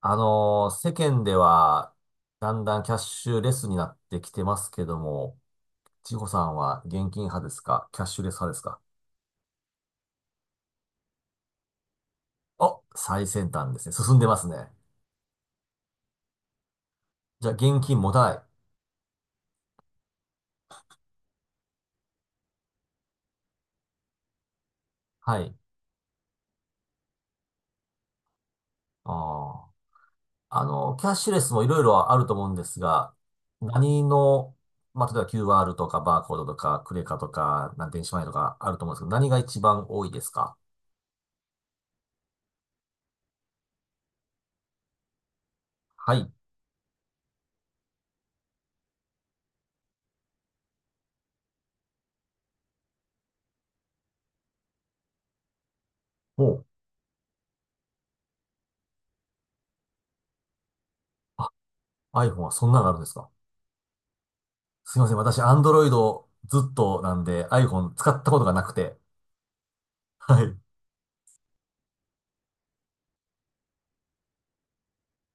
世間では、だんだんキャッシュレスになってきてますけども、千穂さんは現金派ですか、キャッシュレス派ですか？お、最先端ですね。進んでますね。じゃあ、現金持たない。はい。あーキャッシュレスもいろいろあると思うんですが、何の、まあ、例えば QR とかバーコードとか、クレカとか、電子マネーとかあると思うんですけど、何が一番多いですか？はい。おう。あ、iPhone はそんなのがあるんですか？すいません。私、アンドロイドずっとなんで、iPhone 使ったことがなくて。はい。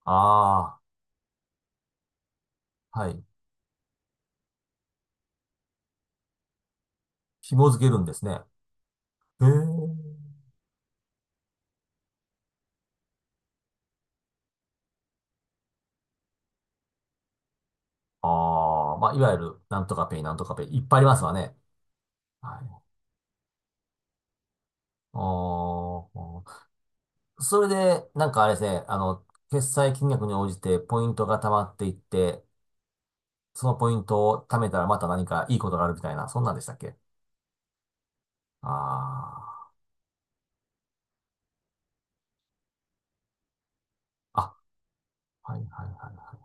ああ、はい。紐付けるんですね。へえ。ああ、まあ、いわゆる、なんとかペイ、なんとかペイ、いっぱいありますわね。はい。おー、それで、なんかあれですね、あの、決済金額に応じてポイントが溜まっていって、そのポイントを貯めたらまた何かいいことがあるみたいな、そんなんでしたっけ？ああー、あ、はいはいはいはい。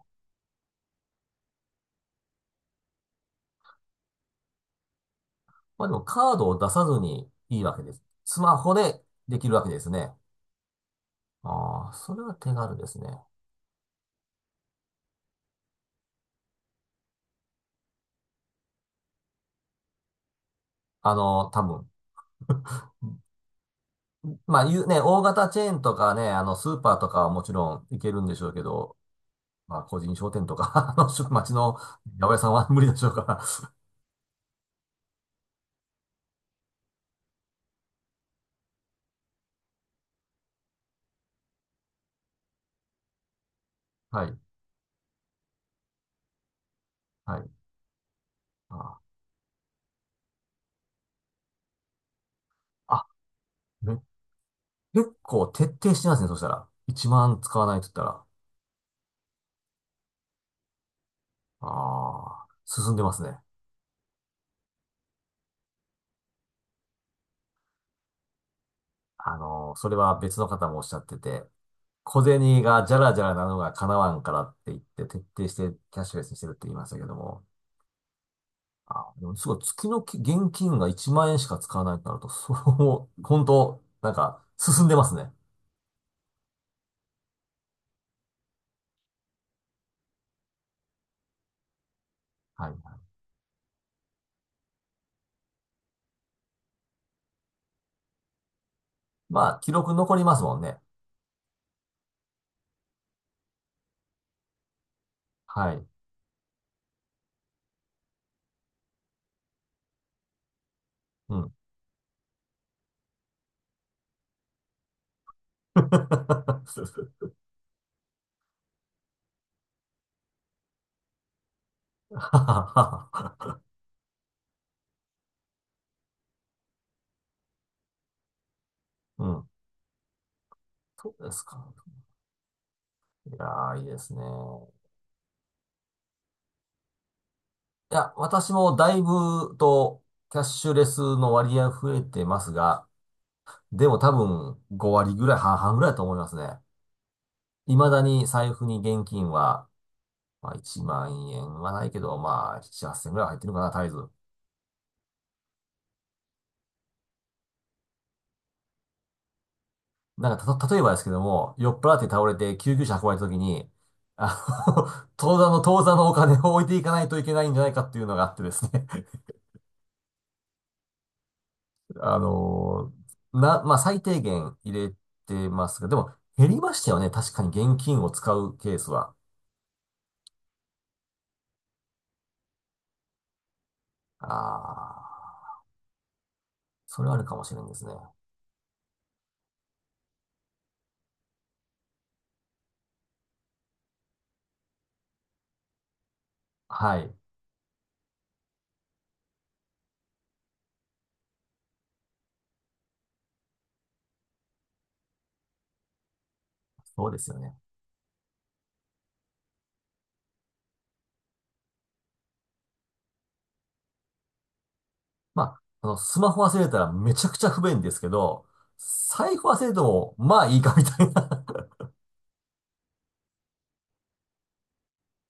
まあでもカードを出さずにいいわけです。スマホでできるわけですね。ああ、それは手軽ですね。あの、多分。まあ、いうね、大型チェーンとかね、あの、スーパーとかはもちろん行けるんでしょうけど、まあ、個人商店とか、あの、町の八百屋さんは無理でしょうから。はい、はい。あー、あめ結構徹底してますね、そしたら。1万使わないと言ったら。ああ、進んでますね。あの、それは別の方もおっしゃってて、小銭がじゃらじゃらなのが叶わんからって言って徹底してキャッシュレスにしてるって言いましたけども。あ、でもすごい月の現金が1万円しか使わないとなると、そう、本当なんか進んでますね。はいはい。まあ、記録残りますもんね。はい。うん。うん。そうですか。いやー、いいですね。いや、私もだいぶとキャッシュレスの割合増えてますが、でも多分5割ぐらい、半々ぐらいだと思いますね。未だに財布に現金は、まあ、1万円はないけど、まあ、7、8千円ぐらいは入ってるかな、絶えず。なんか、例えばですけども、酔っ払って倒れて救急車運ばれた時に、あの、当座のお金を置いていかないといけないんじゃないかっていうのがあってですね。あのーな、まあ、最低限入れてますが、でも、減りましたよね。確かに現金を使うケースは。ああ、それはあるかもしれないですね。はい。そうですよね。まあ、あの、スマホ忘れたらめちゃくちゃ不便ですけど、財布忘れても、まあいいかみたいな。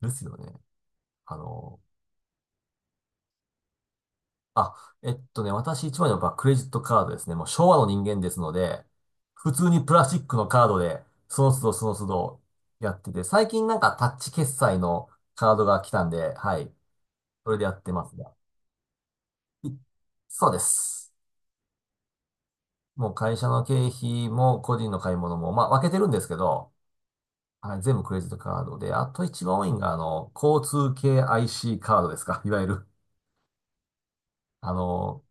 ですよね。あの、あ、えっとね、私一枚のやっぱクレジットカードですね。もう昭和の人間ですので、普通にプラスチックのカードで、その都度やってて、最近なんかタッチ決済のカードが来たんで、はい、それでやってますが。いそうです。もう会社の経費も個人の買い物も、まあ分けてるんですけど、はい、全部クレジットカードで、あと一番多いのが、あの、交通系 IC カードですか。いわゆる、あの、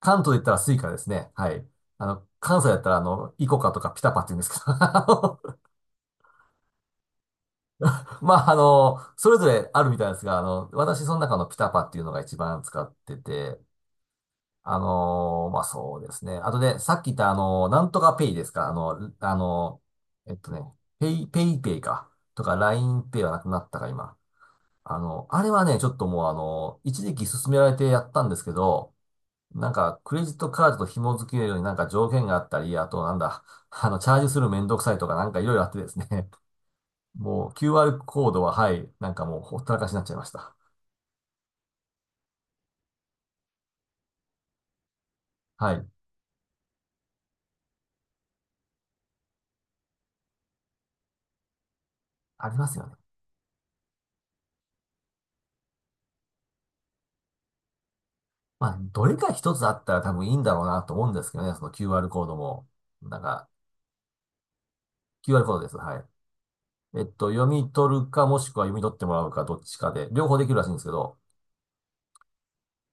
関東で言ったらスイカですね。はい。あの、関西だったら、あの、イコカとかピタパって言うんですけど、あの、まあ、あの、それぞれあるみたいですが、あの、私その中のピタパっていうのが一番使ってて、あの、まあ、そうですね。あとね、さっき言ったあの、なんとかペイですか。あの、あの、えっとね、ペイペイか。とか、ラインペイはなくなったか、今。あの、あれはね、ちょっともうあの、一時期勧められてやったんですけど、なんか、クレジットカードと紐付けるようになんか条件があったり、あとなんだ、あの、チャージするめんどくさいとかなんかいろいろあってですね、もう QR コードは、はい、なんかもうほったらかしになっちゃいました。はい。ありますよね。まあ、どれか一つあったら多分いいんだろうなと思うんですけどね、その QR コードも。なんか、QR コードです。はい。えっと、読み取るかもしくは読み取ってもらうかどっちかで、両方できるらしいんですけど、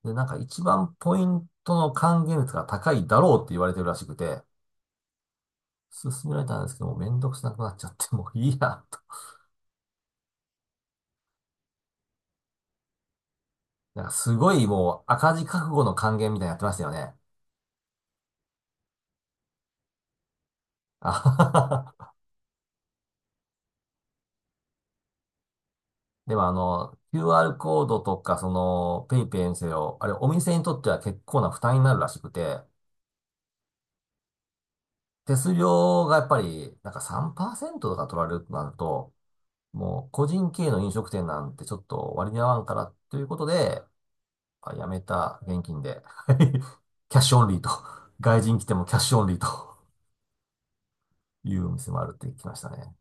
で、なんか一番ポイントの還元率が高いだろうって言われてるらしくて、勧められたんですけど、もうめんどくさくなっちゃって、もういいや、と。なんかすごいもう赤字覚悟の還元みたいにやってましたよね。あははは。でもあの、QR コードとか、その、ペイペイにせよ、あれお店にとっては結構な負担になるらしくて、手数料がやっぱり、なんか3%とか取られるとなると、もう個人経営の飲食店なんてちょっと割に合わんからということで、あ、やめた、現金で。キャッシュオンリーと。外人来てもキャッシュオンリーというお店もあるって聞きましたね。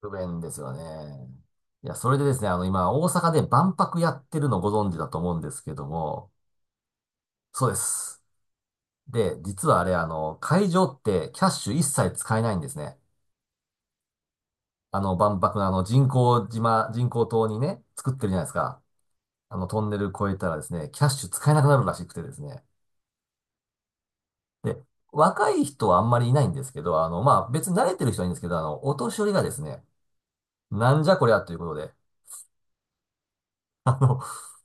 不便ですよね。いや、それでですね、あの、今、大阪で万博やってるのご存知だと思うんですけども、そうです。で、実はあれ、あの、会場ってキャッシュ一切使えないんですね。あの、万博のあの、人工島にね、作ってるじゃないですか。あの、トンネル越えたらですね、キャッシュ使えなくなるらしくてですね。で、若い人はあんまりいないんですけど、あの、まあ、別に慣れてる人はいいんですけど、あの、お年寄りがですね、なんじゃこりゃということで、あの、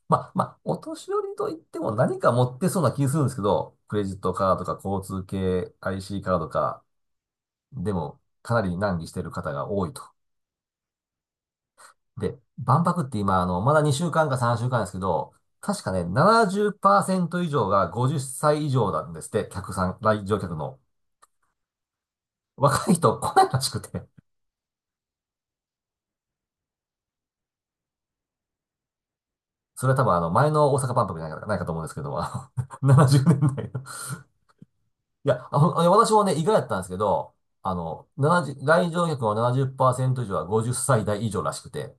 まあ、お年寄りといっても何か持ってそうな気するんですけど、クレジットカードとか交通系 IC カードか、でも、かなり難儀してる方が多いと。で、万博って今、あの、まだ2週間か3週間ですけど、確かね、70%以上が50歳以上なんですって、客さん、来場客の。若い人来ないらしくて。それは多分あの、前の大阪万博じゃないか、ないかと思うんですけども、あの、70年代のいや、私もね、意外だったんですけど、あの、70、来場客の70%以上は50歳代以上らしくて、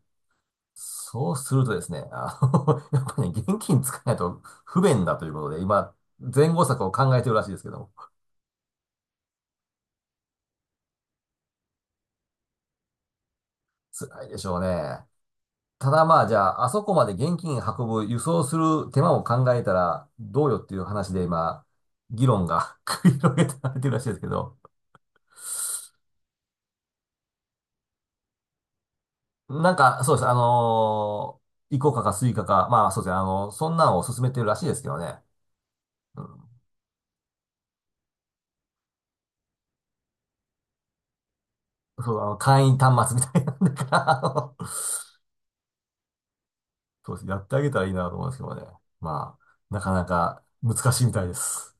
そうするとですね、あの、 やっぱりね、現金使えないと不便だということで、今、前後策を考えてるらしいですけども、辛いでしょうね。ただまあ、じゃあ、あそこまで現金運ぶ、輸送する手間を考えたら、どうよっていう話で今、議論が 繰り広げられてるらしいですけど、なんか、そうです。あのーイコカかスイカか、まあそうですね。あの、そんなのを勧めてるらしいですけどね。うん。そう、あの、会員端末みたいな んだから、あの、そうです。やってあげたらいいなと思うんですけどね。まあ、なかなか難しいみたいです。